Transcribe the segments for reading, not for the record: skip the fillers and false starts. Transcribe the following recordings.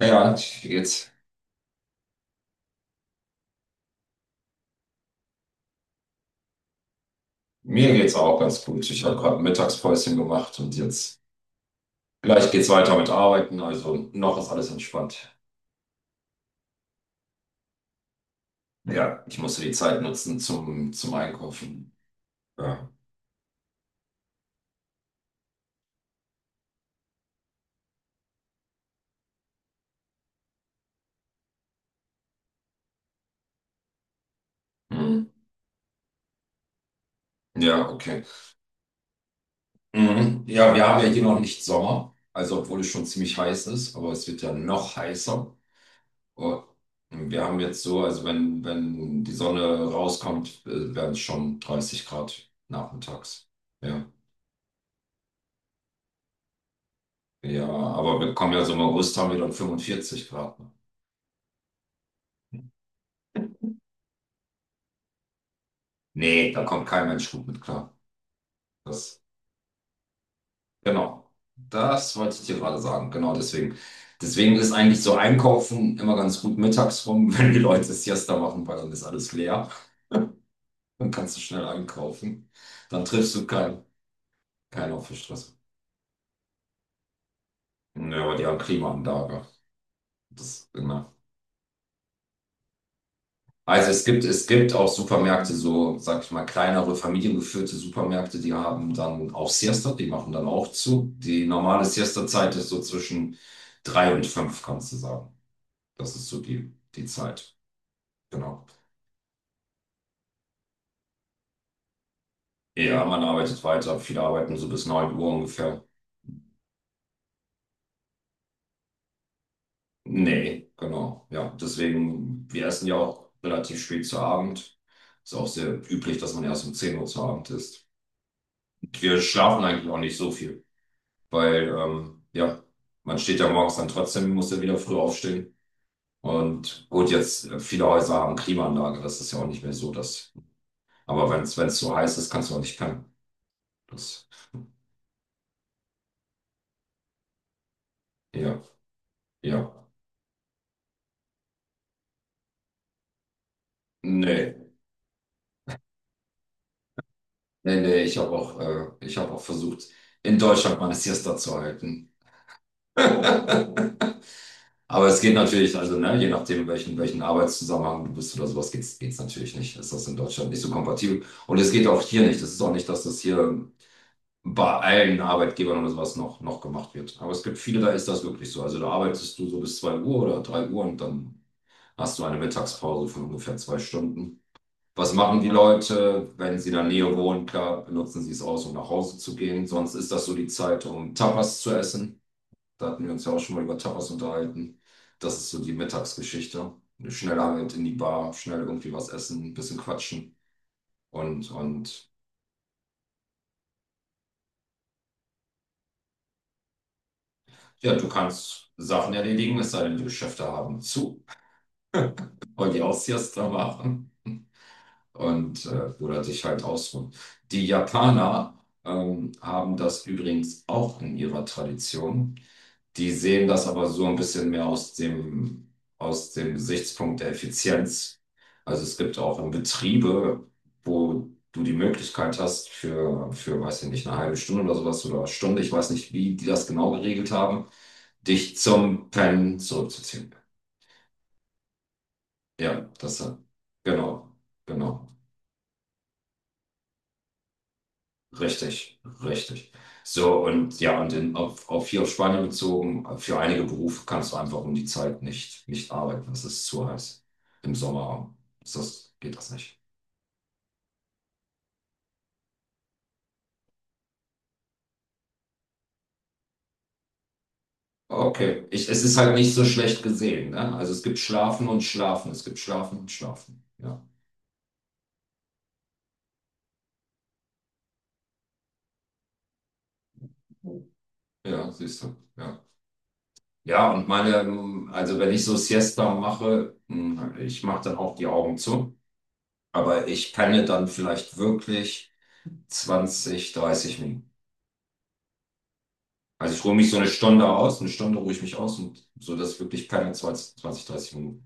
Ja, jetzt, mir geht's auch ganz gut. Ich habe gerade ein Mittagspäuschen gemacht und jetzt gleich geht's weiter mit Arbeiten. Also noch ist alles entspannt. Ja, ich musste die Zeit nutzen zum Einkaufen. Ja, mhm. Ja, okay. Mhm. Ja, wir haben ja hier noch nicht Sommer, also obwohl es schon ziemlich heiß ist, aber es wird ja noch heißer. Oh, wir haben jetzt so, also wenn die Sonne rauskommt, werden es schon 30 Grad nachmittags. Ja. Ja, aber wir kommen ja so im August haben wir dann 45 Grad. Ne? Nee, da kommt kein Mensch gut mit klar. Das, genau. Das wollte ich dir gerade sagen. Genau deswegen. Deswegen ist eigentlich so Einkaufen immer ganz gut mittags rum, wenn die Leute Siesta machen, weil dann ist alles leer. Dann kannst du schnell einkaufen. Dann triffst du keinen auf der Straße. Ja, aber die haben Klimaanlage. Das, genau. Also es gibt auch Supermärkte, so, sag ich mal, kleinere, familiengeführte Supermärkte, die haben dann auch Siesta, die machen dann auch zu. Die normale Siesta-Zeit ist so zwischen drei und fünf, kannst du sagen. Das ist so die Zeit. Genau. Ja, man arbeitet weiter, viele arbeiten so bis 9 Uhr ungefähr. Nee, genau. Ja, deswegen, wir essen ja auch relativ spät zu Abend. Ist auch sehr üblich, dass man erst um 10 Uhr zu Abend isst. Wir schlafen eigentlich auch nicht so viel, weil ja, man steht ja morgens dann trotzdem, muss ja wieder früh aufstehen. Und gut, jetzt viele Häuser haben Klimaanlage, das ist ja auch nicht mehr so, dass. Aber wenn es so heiß ist, kannst du auch nicht pennen. Das, ja, ja. Nee, nee, nee, ich habe auch versucht, in Deutschland meine Siesta zu halten. Aber es geht natürlich, also ne, je nachdem, welchen Arbeitszusammenhang du bist oder sowas, geht's natürlich nicht. Ist das in Deutschland nicht so kompatibel? Und es geht auch hier nicht. Es ist auch nicht, dass das hier bei allen Arbeitgebern oder sowas noch gemacht wird. Aber es gibt viele, da ist das wirklich so. Also da arbeitest du so bis 2 Uhr oder 3 Uhr und dann hast du eine Mittagspause von ungefähr 2 Stunden. Was machen die Leute, wenn sie in der Nähe wohnen? Klar, benutzen sie es aus, um nach Hause zu gehen. Sonst ist das so die Zeit, um Tapas zu essen. Da hatten wir uns ja auch schon mal über Tapas unterhalten. Das ist so die Mittagsgeschichte. Schnell halt in die Bar, schnell irgendwie was essen, ein bisschen quatschen. Und ja, du kannst Sachen erledigen, es sei denn, die Geschäfte haben zu. Weil die Austrias da waren und oder sich halt ausruhen. Die Japaner haben das übrigens auch in ihrer Tradition. Die sehen das aber so ein bisschen mehr aus dem Gesichtspunkt der Effizienz. Also es gibt auch in Betriebe, wo du die Möglichkeit hast weiß ich nicht, eine halbe Stunde oder sowas oder Stunde, ich weiß nicht, wie die das genau geregelt haben, dich zum Pennen zurückzuziehen. Ja, genau, genau, richtig, richtig. So, und ja, und auf hier auf Spanien bezogen, für einige Berufe kannst du einfach um die Zeit nicht arbeiten. Es ist zu heiß. Im Sommer geht das nicht. Okay, ich, es ist halt nicht so schlecht gesehen, ne? Also es gibt Schlafen und Schlafen, es gibt Schlafen und Schlafen. Ja, ja, siehst du, ja. Ja, und meine, also wenn ich so Siesta mache, mh, ich mache dann auch die Augen zu. Aber ich penne dann vielleicht wirklich 20 30 Minuten. Also ich ruhe mich so eine Stunde aus, eine Stunde ruhe ich mich aus und so, dass ich wirklich penne zwanzig dreißig Minuten.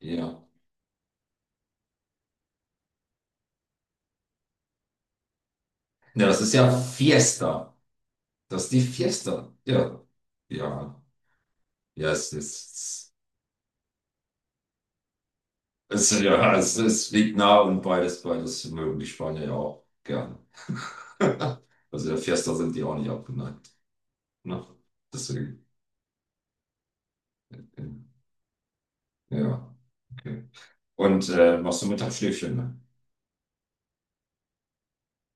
Ja. Ja, das ist ja Fiesta. Das ist die Fiesta. Ja. Ja. Ja, es, ist- ja, es liegt nah und beides, beides mögen die Spanier ja auch gerne. Also der Fiesta sind die auch nicht abgeneigt. Ne? Deswegen, ja, okay. Und machst du Mittagsschläfchen, ne?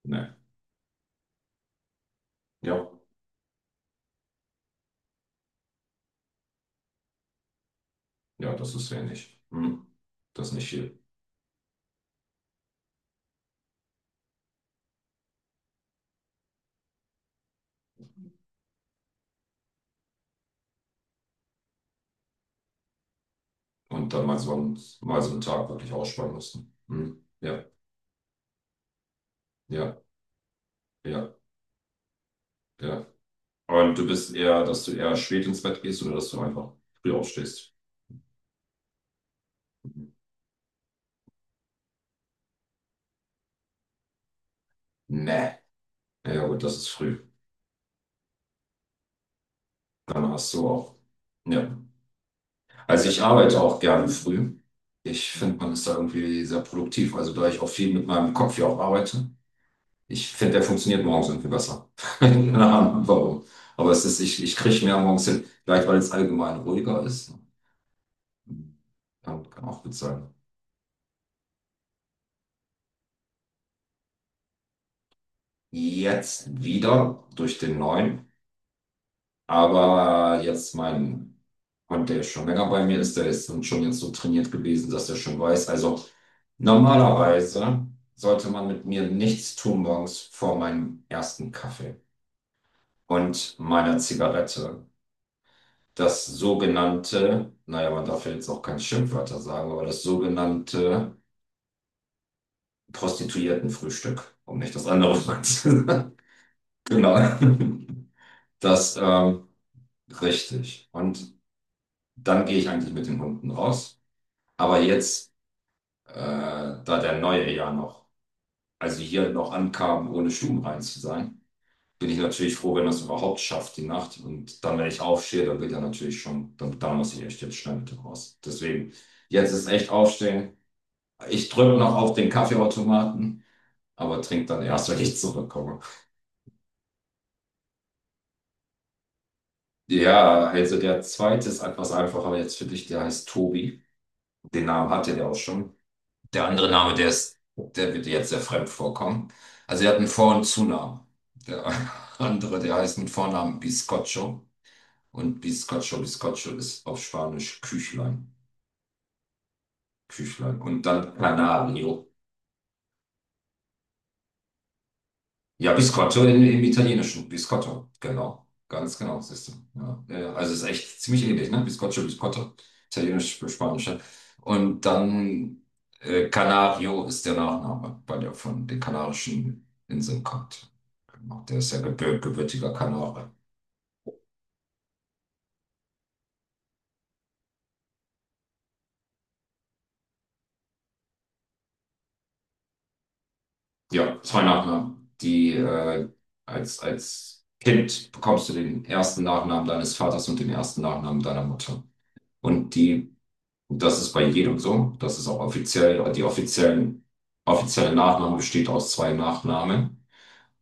Ne. Ja. Ja, das ist wenig. Hm. Das ist nicht viel. Und dann mal so einen Tag wirklich ausspannen mussten. Hm. Ja, ja, ja, ja. Und du bist eher, dass du eher spät ins Bett gehst oder dass du einfach früh aufstehst? Nee. Ja, ja, gut, das ist früh. Dann hast du auch. Ja. Also ich arbeite auch gerne früh. Ich finde, man ist da irgendwie sehr produktiv. Also da ich auch viel mit meinem Kopf ja auch arbeite, ich finde, der funktioniert morgens irgendwie besser. Keine Ahnung, warum. Aber es ist, ich kriege mehr morgens hin. Vielleicht, weil es allgemein ruhiger ist. Ja, kann auch gut sein. Jetzt wieder durch den neuen. Aber jetzt mein Hund, der schon länger bei mir ist, der ist dann schon jetzt so trainiert gewesen, dass er schon weiß. Also normalerweise sollte man mit mir nichts tun morgens vor meinem ersten Kaffee und meiner Zigarette. Das sogenannte, naja, man darf ja jetzt auch keine Schimpfwörter sagen, aber das sogenannte Prostituiertenfrühstück, um nicht das andere Wort zu sagen. Genau. Das, ähm, Richtig. Und dann gehe ich eigentlich mit den Hunden raus. Aber jetzt, da der Neue ja noch, also hier noch ankam, ohne stubenrein zu sein, bin ich natürlich froh, wenn das überhaupt schafft, die Nacht. Und dann, wenn ich aufstehe, dann wird ja natürlich schon, dann muss ich echt jetzt schnell mit raus. Deswegen, jetzt ist echt aufstehen. Ich drücke noch auf den Kaffeeautomaten, aber trinke dann erst, wenn ich zurückkomme. Ja, also der zweite ist etwas einfacher jetzt für dich, der heißt Tobi. Den Namen hatte der auch schon. Der andere Name, der ist, der wird dir jetzt sehr fremd vorkommen. Also er hat einen Vor- und Zunamen. Der andere, der heißt mit Vornamen Biscocho. Und Biscocho, Biscocho ist auf Spanisch Küchlein. Küchlein. Und dann Canario. Ja, Biscotto in, im Italienischen. Biscotto, genau. Ganz genau, siehst du. Ja, ja, ja. Also es ist echt ziemlich ähnlich, ne? Biscotto, Biscotto. Italienisch für Spanische. Und dann Canario ist der Nachname, weil der von den Kanarischen Inseln kommt. Genau, der ist ja gebürtiger Kanare. Ja, zwei Nachnamen. Die als Kind bekommst du den ersten Nachnamen deines Vaters und den ersten Nachnamen deiner Mutter. Und die Und das ist bei jedem so. Das ist auch offiziell, offizielle Nachname besteht aus zwei Nachnamen.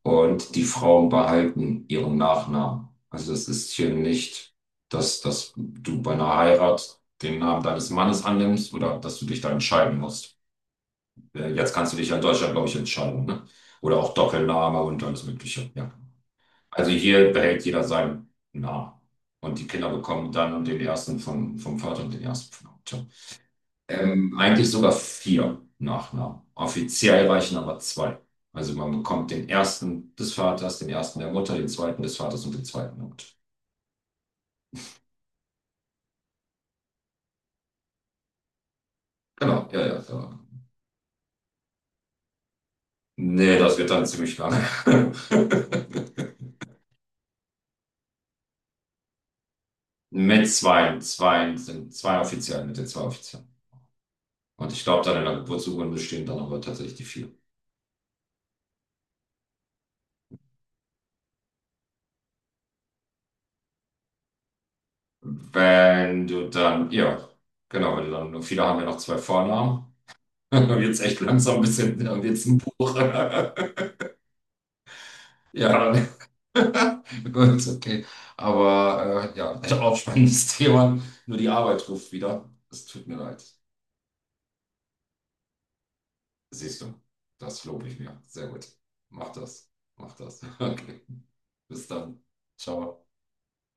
Und die Frauen behalten ihren Nachnamen. Also das ist hier nicht, dass du bei einer Heirat den Namen deines Mannes annimmst oder dass du dich da entscheiden musst. Jetzt kannst du dich ja in Deutschland, glaube ich, entscheiden, ne? Oder auch Doppelname und alles Mögliche, ja. Also hier behält jeder seinen Namen. Und die Kinder bekommen dann den ersten vom Vater und den ersten von der Mutter. Eigentlich sogar vier Nachnamen. Offiziell reichen aber zwei. Also man bekommt den ersten des Vaters, den ersten der Mutter, den zweiten des Vaters und den zweiten der Mutter. Genau, ja, ja, ja. Nee, das wird dann ziemlich lang. Mit zwei, zwei sind zwei offiziell, mit den zwei offiziellen. Und ich glaube, dann in der Geburtsurkunde stehen dann aber tatsächlich die vier. Wenn du dann, ja, genau, wenn du dann, viele haben ja noch zwei Vornamen. Dann wird's echt langsam ein bisschen, dann wird's ein Buch. Ja, gut, okay. Aber ja, auch spannendes Thema. Nur die Arbeit ruft wieder. Es tut mir leid. Siehst du, das lobe ich mir. Sehr gut. Mach das. Mach das. Okay. Bis dann. Ciao.